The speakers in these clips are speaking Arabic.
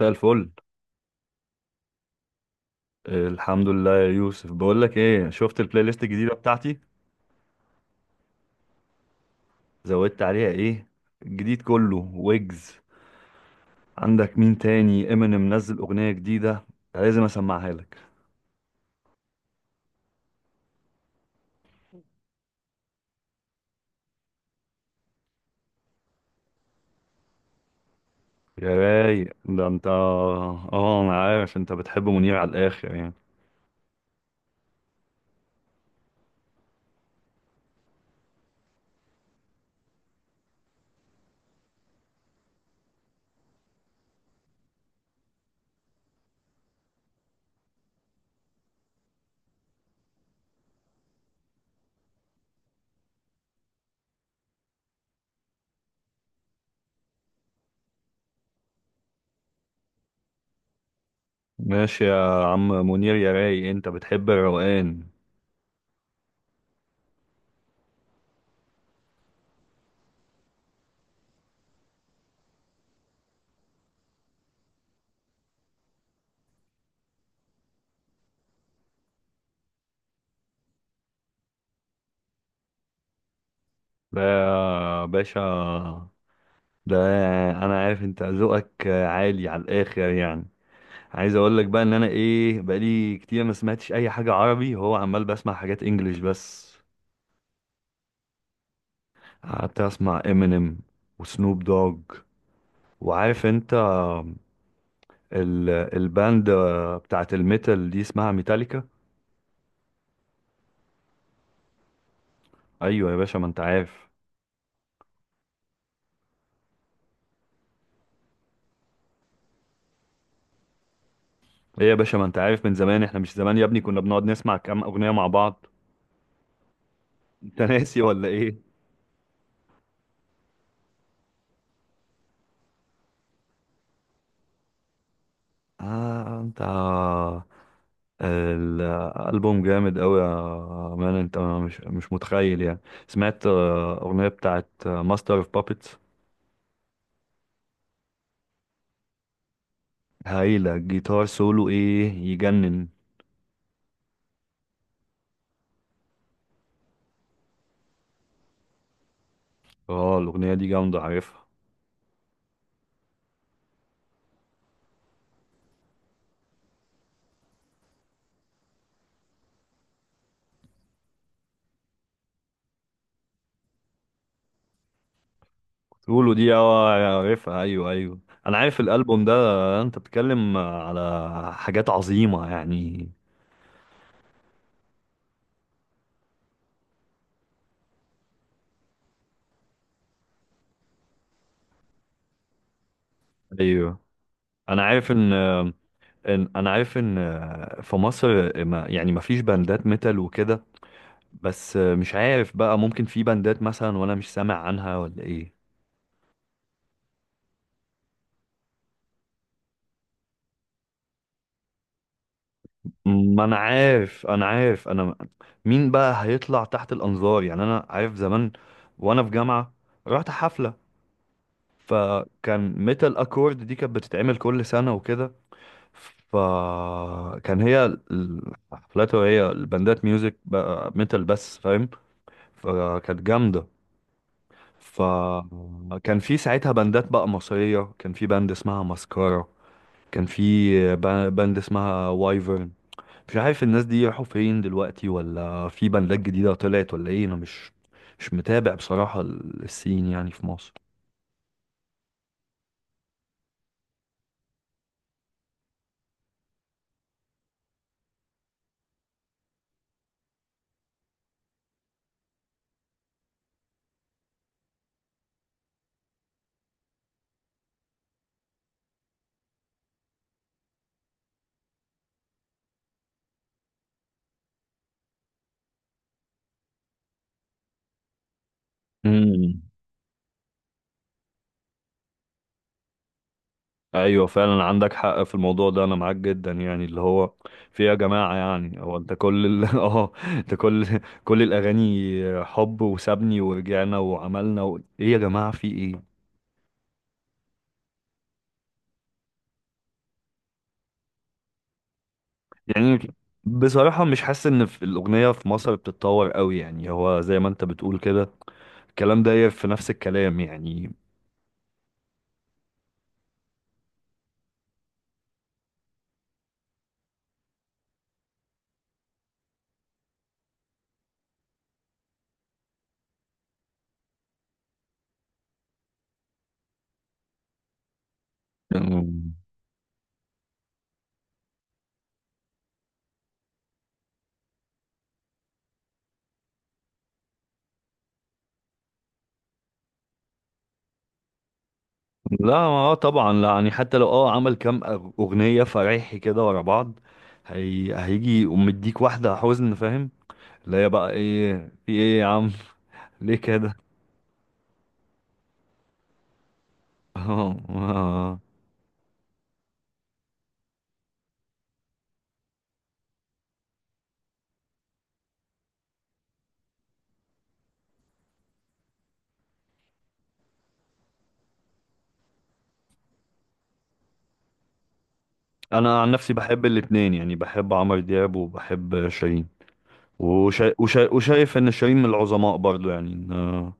مساء الفل. الحمد لله يا يوسف. بقول لك ايه، شفت البلاي ليست الجديده بتاعتي؟ زودت عليها ايه؟ الجديد كله ويجز. عندك مين تاني؟ امينيم نزل اغنيه جديده، لازم اسمعها لك. يا رايق، ده انت انا عارف انت بتحب منير على الاخر يعني. ماشي يا عم منير، يا رايق انت بتحب الروقان. ده يا باشا، ده انا عارف انت ذوقك عالي على الاخر يعني. عايز اقول لك بقى ان انا ايه، بقالي كتير ما سمعتش اي حاجه عربي، هو عمال بسمع حاجات انجليش بس. قعدت اسمع امينيم وسنوب دوج، وعارف انت، الباند بتاعت الميتال دي اسمها ميتاليكا. ايوه يا باشا، ما انت عارف. ايه يا باشا، ما انت عارف من زمان، احنا مش زمان يا ابني كنا بنقعد نسمع كام اغنيه مع بعض؟ انت ناسي ولا ايه؟ اه انت، الألبوم جامد أوي يا مان. أنت مش متخيل يعني. سمعت أغنية بتاعت ماستر أوف بابتس، هايلة. جيتار سولو إيه يجنن. اه، الأغنية دي جامدة، عارفها. سولو دي اه، عارفها، أيوه أيوه. أنا عارف الألبوم ده. أنت بتتكلم على حاجات عظيمة يعني. أيوه، أنا عارف إن أنا عارف إن في مصر، ما يعني ما فيش باندات ميتال وكده. بس مش عارف بقى، ممكن في بندات مثلا وانا مش سامع عنها ولا ايه؟ ما انا عارف انا مين بقى هيطلع تحت الانظار يعني. انا عارف زمان وانا في جامعة رحت حفلة، فكان ميتال اكورد دي كانت بتتعمل كل سنة وكده. فكان هي الحفلات، وهي البندات ميوزك بقى ميتال بس فاهم، فكانت جامدة. فكان في ساعتها بندات بقى مصرية، كان في بند اسمها ماسكارا. كان في باند اسمها وايفرن. مش عارف الناس دي راحوا فين دلوقتي ولا في باندات جديدة طلعت ولا ايه، انا مش متابع بصراحة السين يعني في مصر. امم، ايوه فعلا عندك حق في الموضوع ده، انا معاك جدا يعني، اللي هو في يا جماعه. يعني هو انت انت كل الاغاني حب وسابني ورجعنا وعملنا ايه يا جماعه، في ايه؟ يعني بصراحه مش حاسس ان في الاغنيه في مصر بتتطور قوي يعني. هو زي ما انت بتقول كده، الكلام ده في نفس الكلام يعني. أمم. لا، ما هو طبعا لا يعني. حتى لو عمل كام اغنيه فريحي كده ورا بعض، هيجي ومديك واحده حزن، فاهم؟ اللي هي بقى ايه، في ايه يا عم، ليه كده؟ اه آه. انا عن نفسي بحب الاتنين يعني، بحب عمرو دياب وبحب شيرين. وشايف ان شيرين من العظماء برضو يعني آه.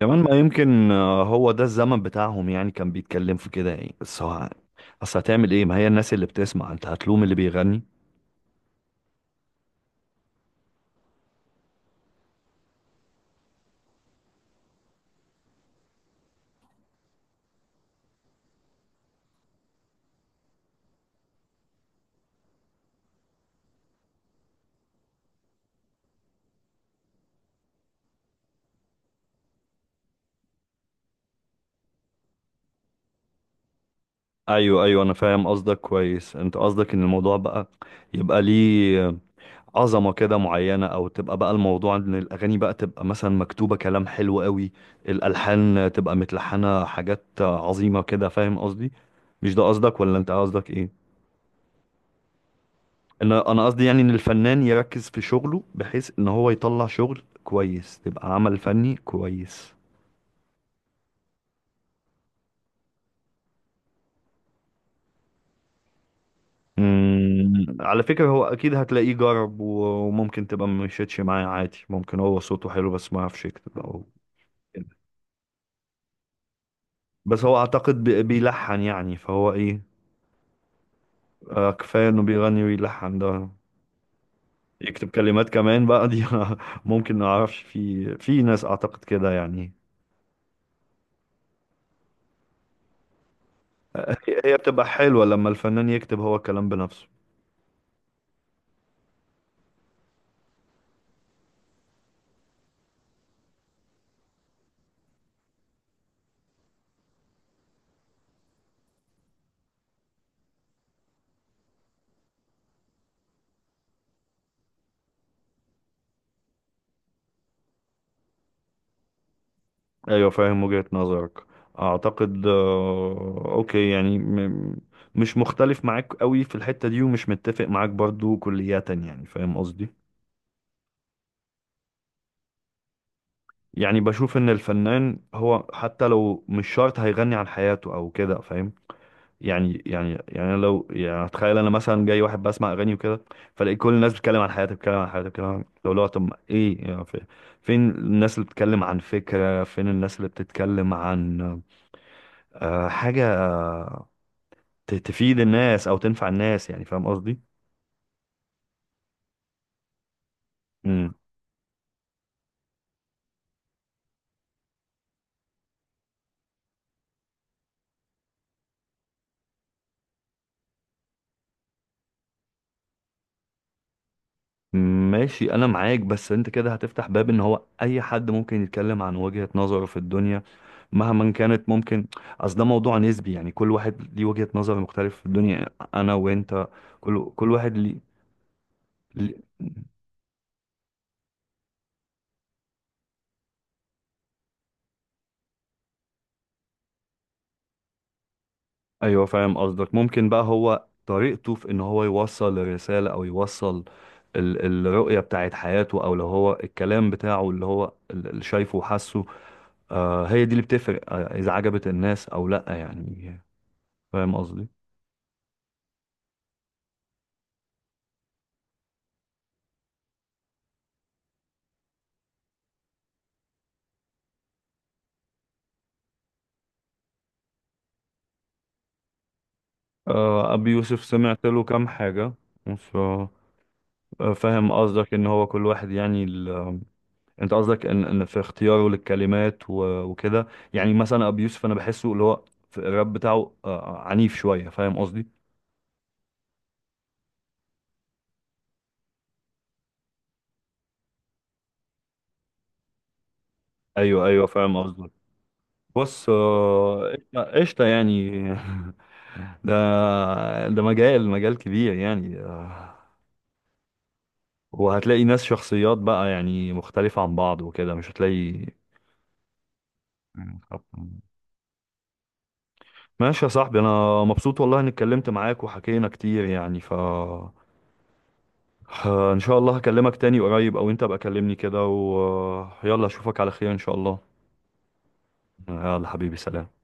كمان ما يمكن هو ده الزمن بتاعهم يعني، كان بيتكلم في كده يعني. بس هو اصل هتعمل ايه، ما هي الناس اللي بتسمع، انت هتلوم اللي بيغني؟ ايوه ايوه، انا فاهم قصدك كويس. انت قصدك ان الموضوع بقى، يبقى ليه عظمة كده معينة، او تبقى بقى الموضوع ان الاغاني بقى تبقى مثلا مكتوبة كلام حلو قوي، الالحان تبقى متلحنة حاجات عظيمة كده، فاهم قصدي؟ مش ده قصدك ولا انت قصدك ايه؟ انا قصدي يعني ان الفنان يركز في شغله، بحيث ان هو يطلع شغل كويس، تبقى عمل فني كويس. على فكرة، هو اكيد هتلاقيه جرب وممكن تبقى مشيتش معاه عادي. ممكن هو صوته حلو بس ما يعرفش يكتب او كده. بس هو اعتقد بيلحن يعني، فهو ايه، كفاية انه بيغني ويلحن ده. يكتب كلمات كمان بقى دي ممكن، ما اعرفش، في ناس اعتقد كده يعني. هي بتبقى حلوة لما الفنان يكتب هو الكلام بنفسه. ايوه، فاهم وجهة نظرك. اعتقد اوكي يعني، مش مختلف معاك قوي في الحتة دي، ومش متفق معاك برضو كلية يعني، فاهم قصدي؟ يعني بشوف ان الفنان هو حتى لو مش شرط هيغني عن حياته او كده فاهم. يعني أنا لو يعني اتخيل انا مثلا جاي واحد بسمع اغاني وكده، فلاقي كل الناس بتتكلم عن حياتها بتتكلم عن لو لا، طب ايه يعني، فين الناس اللي بتتكلم عن فكرة، فين الناس اللي بتتكلم عن حاجة تفيد الناس او تنفع الناس، يعني فاهم قصدي؟ امم، ماشي انا معاك. بس انت كده هتفتح باب ان هو اي حد ممكن يتكلم عن وجهة نظره في الدنيا مهما كانت ممكن. اصل ده موضوع نسبي يعني، كل واحد ليه وجهة نظر مختلفة في الدنيا، انا وانت، كل واحد ليه ليه- ايوه، فاهم قصدك. ممكن بقى هو طريقته في ان هو يوصل الرسالة او يوصل الرؤية بتاعت حياته، او لو هو الكلام بتاعه اللي هو اللي شايفه وحاسه، آه هي دي اللي بتفرق إذا عجبت الناس أو لأ يعني، فاهم قصدي؟ آه، أبي يوسف سمعت له كام حاجة. ف- آه، فاهم قصدك إن هو كل واحد يعني ال... آه، أنت قصدك إن في اختياره للكلمات وكده. يعني مثلا أبي يوسف أنا بحسه اللي هو في الراب بتاعه، عنيف شوية، فاهم قصدي؟ أيوه أيوه، فاهم قصدك. بص قشطة قشطة يعني. ده ده مجال كبير يعني وهتلاقي ناس، شخصيات بقى يعني مختلفة عن بعض وكده، مش هتلاقي يعني خط. ماشي يا صاحبي، انا مبسوط والله اني اتكلمت معاك وحكينا كتير يعني، ف ان شاء الله هكلمك تاني قريب، او انت بقى كلمني كده، ويلا اشوفك على خير ان شاء الله. يلا حبيبي، سلام.